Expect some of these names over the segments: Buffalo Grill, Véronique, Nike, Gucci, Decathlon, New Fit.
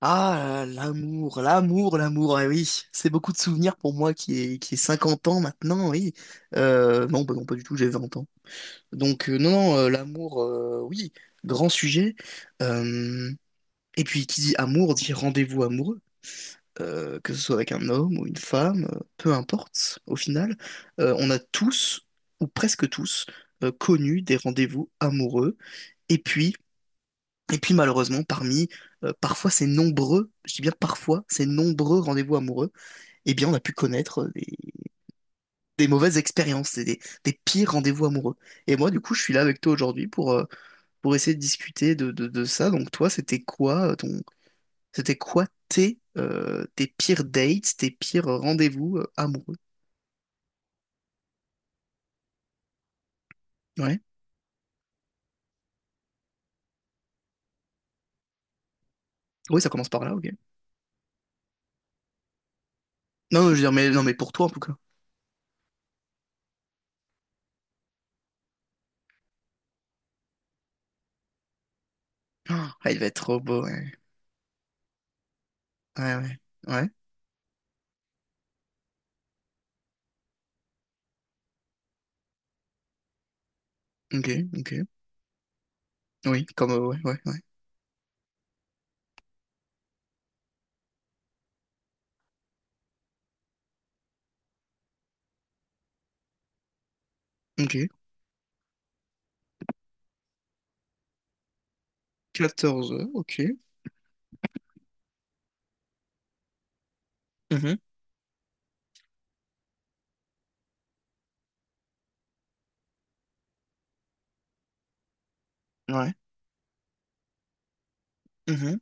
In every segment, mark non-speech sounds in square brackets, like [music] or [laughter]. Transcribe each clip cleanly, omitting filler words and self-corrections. Ah, l'amour, l'amour, l'amour, eh oui, c'est beaucoup de souvenirs pour moi qui est 50 ans maintenant, oui. Non, bah non, pas du tout, j'ai 20 ans. Donc, non, non, l'amour, oui, grand sujet. Euh, et puis, qui dit amour dit rendez-vous amoureux. Que ce soit avec un homme ou une femme, peu importe, au final. On a tous, ou presque tous, connu des rendez-vous amoureux. Et puis, et puis malheureusement, parmi parfois ces nombreux, je dis bien parfois ces nombreux rendez-vous amoureux, eh bien on a pu connaître des mauvaises expériences, et des pires rendez-vous amoureux. Et moi du coup, je suis là avec toi aujourd'hui pour essayer de discuter de ça. Donc toi, c'était quoi tes pires dates, tes pires rendez-vous amoureux? Ouais. Oui, ça commence par là, ok. Non, je veux dire, mais non, mais pour toi en tout cas. Ah, il va être trop beau, ouais. Ouais, ouais. Ouais. Ok, ok. Oui, comme ouais, ouais, ouais. Ok. 14h, ok. Mhm, ouais. Mhm.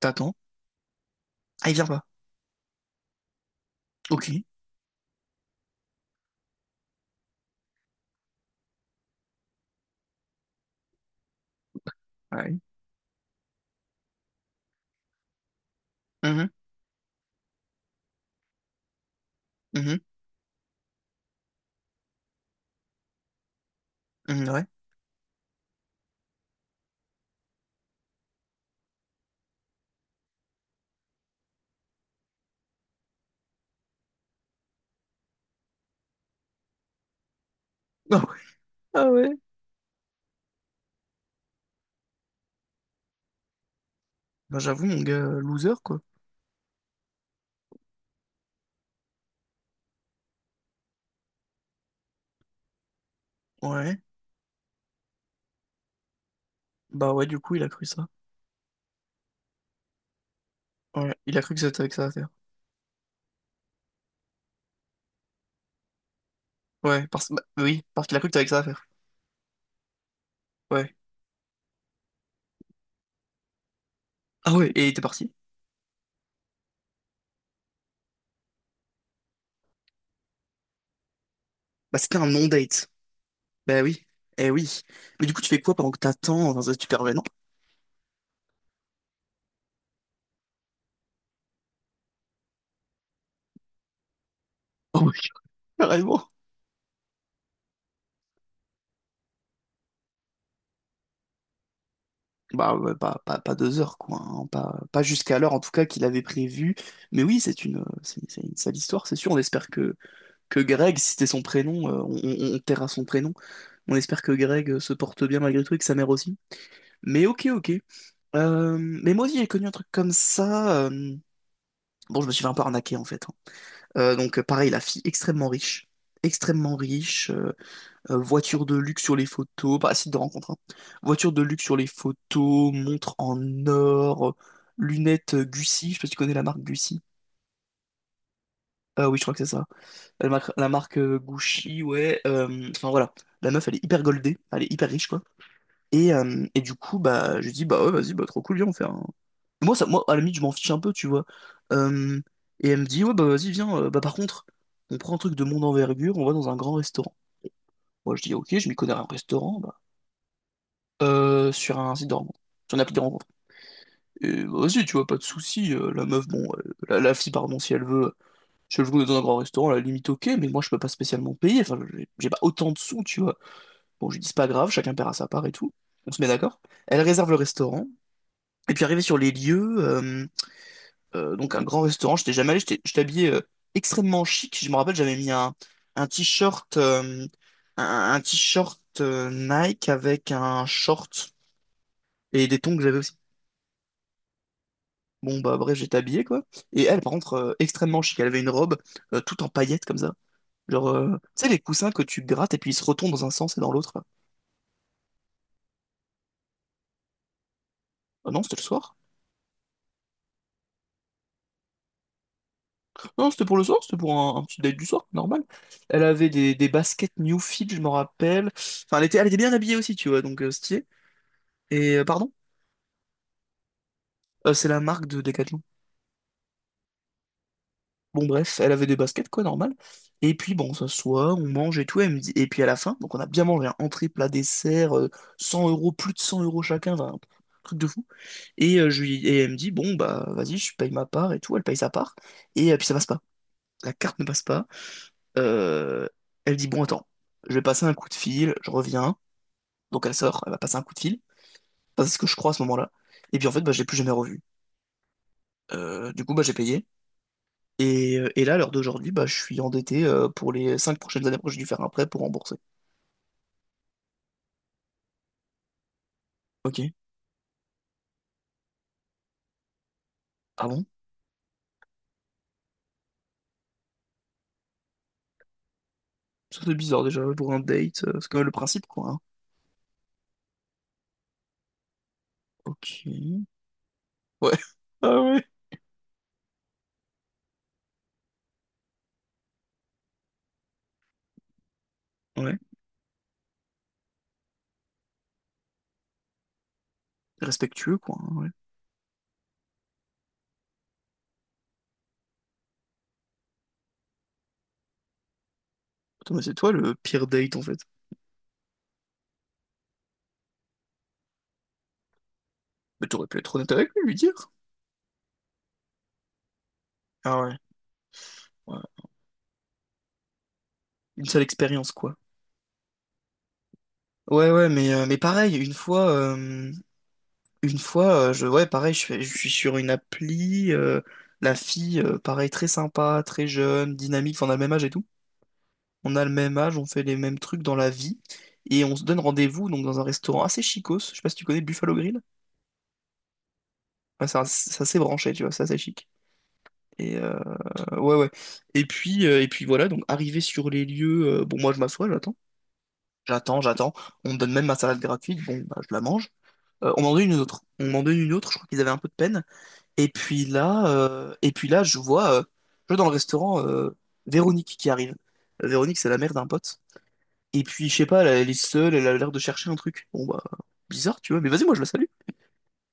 T'attends. Ah, il vient pas. Ok. Ouais. Mhm, mhm, mhm, ouais. [laughs] Ah ouais. Ah ouais. Bah, j'avoue, mon gars, loser, quoi. Ouais. Bah, ouais, du coup, il a cru ça. Ouais. Il a cru que c'était avec ça à faire. Ouais, bah, oui, parce qu'il a cru que t'avais avec ça à faire. Ouais. Ah ouais, et il était parti. Bah, c'était un non-date. Bah oui. Eh oui. Mais du coup, tu fais quoi pendant que t'attends dans un supervenant? Oh my God, [laughs] carrément. Bah, ouais, pas 2 heures, quoi, hein. Pas jusqu'à l'heure, en tout cas, qu'il avait prévu. Mais oui, c'est une sale histoire, c'est sûr. On espère que Greg, si c'était son prénom, on taira son prénom. On espère que Greg se porte bien malgré tout et que sa mère aussi. Mais ok, ok. Mais moi aussi, j'ai connu un truc comme ça. Bon, je me suis fait un peu arnaquer, en fait, hein. Donc, pareil, la fille extrêmement riche. Extrêmement riche. Voiture de luxe sur les photos, pas site de rencontre, hein. Voiture de luxe sur les photos, montre en or, lunettes Gucci, je sais pas si tu connais la marque Gucci. Ah oui, je crois que c'est ça. La marque Gucci, ouais. Enfin voilà, la meuf, elle est hyper goldée, elle est hyper riche, quoi. Et du coup, bah, je dis, bah ouais, vas-y, bah trop cool, viens, on fait un. Moi, ça, moi, à la limite, je m'en fiche un peu, tu vois. Euh, et elle me dit, ouais, bah vas-y, viens, bah par contre, on prend un truc de mon envergure, on va dans un grand restaurant. Moi, je dis, ok, je m'y connais à un restaurant, bah. Sur un site de rencontre. Sur une appli de rencontre. Et bah, vas-y, tu vois, pas de souci. La meuf, bon, la fille, pardon, si elle veut dans un grand restaurant, à la limite, ok, mais moi, je peux pas spécialement payer. Enfin, j'ai pas autant de sous, tu vois. Bon, je lui dis, c'est pas grave, chacun paiera sa part et tout. On se met d'accord. Elle réserve le restaurant. Et puis, arrivé sur les lieux, donc un grand restaurant, j'étais jamais allé, j'étais habillé extrêmement chic. Je me rappelle, j'avais mis un, un t-shirt, euh, un t-shirt Nike avec un short et des tongs que j'avais aussi. Bon, bah bref, j'étais habillé, quoi. Et elle, par contre, extrêmement chic. Elle avait une robe toute en paillettes, comme ça. Genre, tu sais, les coussins que tu grattes et puis ils se retournent dans un sens et dans l'autre, là. Ah non, c'était le soir. Non, c'était pour le soir, c'était pour un petit date du soir, normal. Elle avait des baskets New Fit, je m'en rappelle. Enfin, elle était bien habillée aussi, tu vois, donc stylé. Pardon, c'est la marque de Decathlon. Bon, bref, elle avait des baskets, quoi, normal. Et puis, bon, on s'assoit, on mange et tout. Elle me dit. Et puis, à la fin, donc on a bien mangé, un entrée, plat, dessert, 100 euros, plus de 100 euros chacun, enfin, truc de fou. Et elle me dit, bon, bah, vas-y, je paye ma part et tout. Elle paye sa part. Et puis ça passe pas. La carte ne passe pas. Euh, elle dit, bon, attends, je vais passer un coup de fil, je reviens. Donc elle sort, elle va passer un coup de fil. Enfin, c'est ce que je crois à ce moment-là. Et puis en fait, bah, je l'ai plus jamais revu. Du coup, bah, j'ai payé. Et là, à l'heure d'aujourd'hui, bah, je suis endetté pour les 5 prochaines années. Après, j'ai dû faire un prêt pour rembourser. Ok. Ah bon? Ça, c'est bizarre déjà pour un date. C'est quand même le principe, quoi, hein. Ok. Ouais. [laughs] Ah ouais. Ouais. Respectueux, quoi, hein, ouais. Attends, mais c'est toi le pire date en fait. Mais t'aurais pu être honnête avec lui, lui dire. Ah ouais, ouais. Une seule expérience quoi. Ouais ouais mais pareil, une fois je ouais pareil, je suis sur une appli, la fille, pareil, très sympa, très jeune, dynamique, enfin, on a le même âge et tout. On a le même âge, on fait les mêmes trucs dans la vie. Et on se donne rendez-vous donc dans un restaurant assez chicos. Je sais pas si tu connais le Buffalo Grill. Ouais, c'est assez branché, tu vois, c'est assez chic. Et ouais ouais. Et puis voilà, donc arrivé sur les lieux, bon moi je m'assois, j'attends. J'attends, j'attends. On me donne même ma salade gratuite. Bon, bah, je la mange. On m'en donne une autre. On m'en donne une autre. Je crois qu'ils avaient un peu de peine. Et puis là, je vois dans le restaurant Véronique qui arrive. Véronique, c'est la mère d'un pote. Et puis, je sais pas, elle, elle est seule. Elle a l'air de chercher un truc. Bon, bah, bizarre, tu vois. Mais vas-y, moi, je la salue.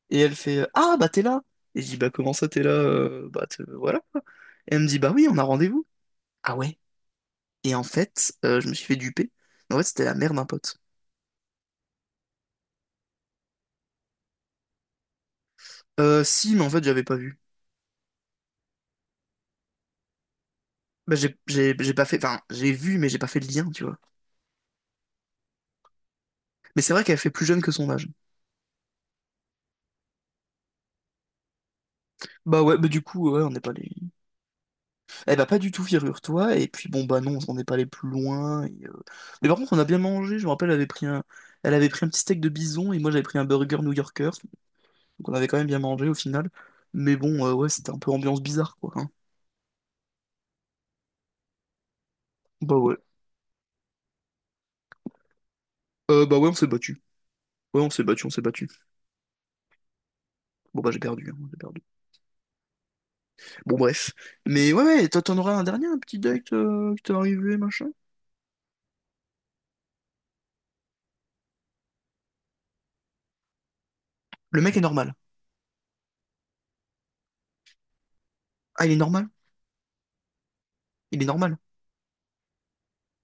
Et elle fait, ah, bah, t'es là. Et je dis, bah, comment ça, t'es là? Bah, voilà, quoi. Et elle me dit, bah oui, on a rendez-vous. Ah ouais. Et en fait, je me suis fait duper. En fait, c'était la mère d'un pote. Si, mais en fait, j'avais pas vu. Bah, j'ai pas fait, enfin, j'ai vu, mais j'ai pas fait le lien, tu vois. Mais c'est vrai qu'elle fait plus jeune que son âge. Bah ouais, bah du coup, ouais, on n'est pas les. Eh bah pas du tout, figure-toi. Et puis bon, bah non, on n'est pas allé plus loin. Mais par contre, on a bien mangé. Je me rappelle, elle avait pris un petit steak de bison et moi j'avais pris un burger new-yorker. Donc on avait quand même bien mangé au final. Mais bon, ouais, c'était un peu ambiance bizarre, quoi, hein. Bah ouais. Bah ouais, on s'est battu. Ouais, on s'est battu, on s'est battu. Bon bah j'ai perdu, hein, j'ai perdu. Bon bref. Mais ouais, ouais, toi t'en auras un dernier, un petit date qui t'est arrivé, machin. Le mec est normal. Ah, il est normal. Il est normal.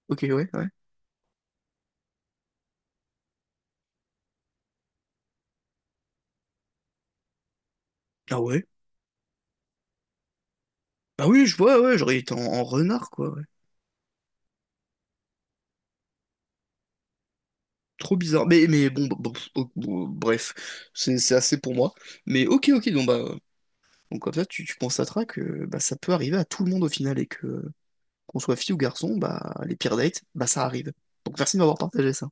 Ok, ouais, ouais. Ah ouais. Bah oui, je vois, ouais, j'aurais été en renard, quoi, ouais. Trop bizarre. Mais, bon, bah, bon, oh, bon, bref, c'est assez pour moi. Mais ok, ok, donc bah. Donc comme ça, tu constateras que bah, ça peut arriver à tout le monde au final et que qu'on soit fille ou garçon, bah les pires dates, bah ça arrive. Donc merci de m'avoir partagé ça.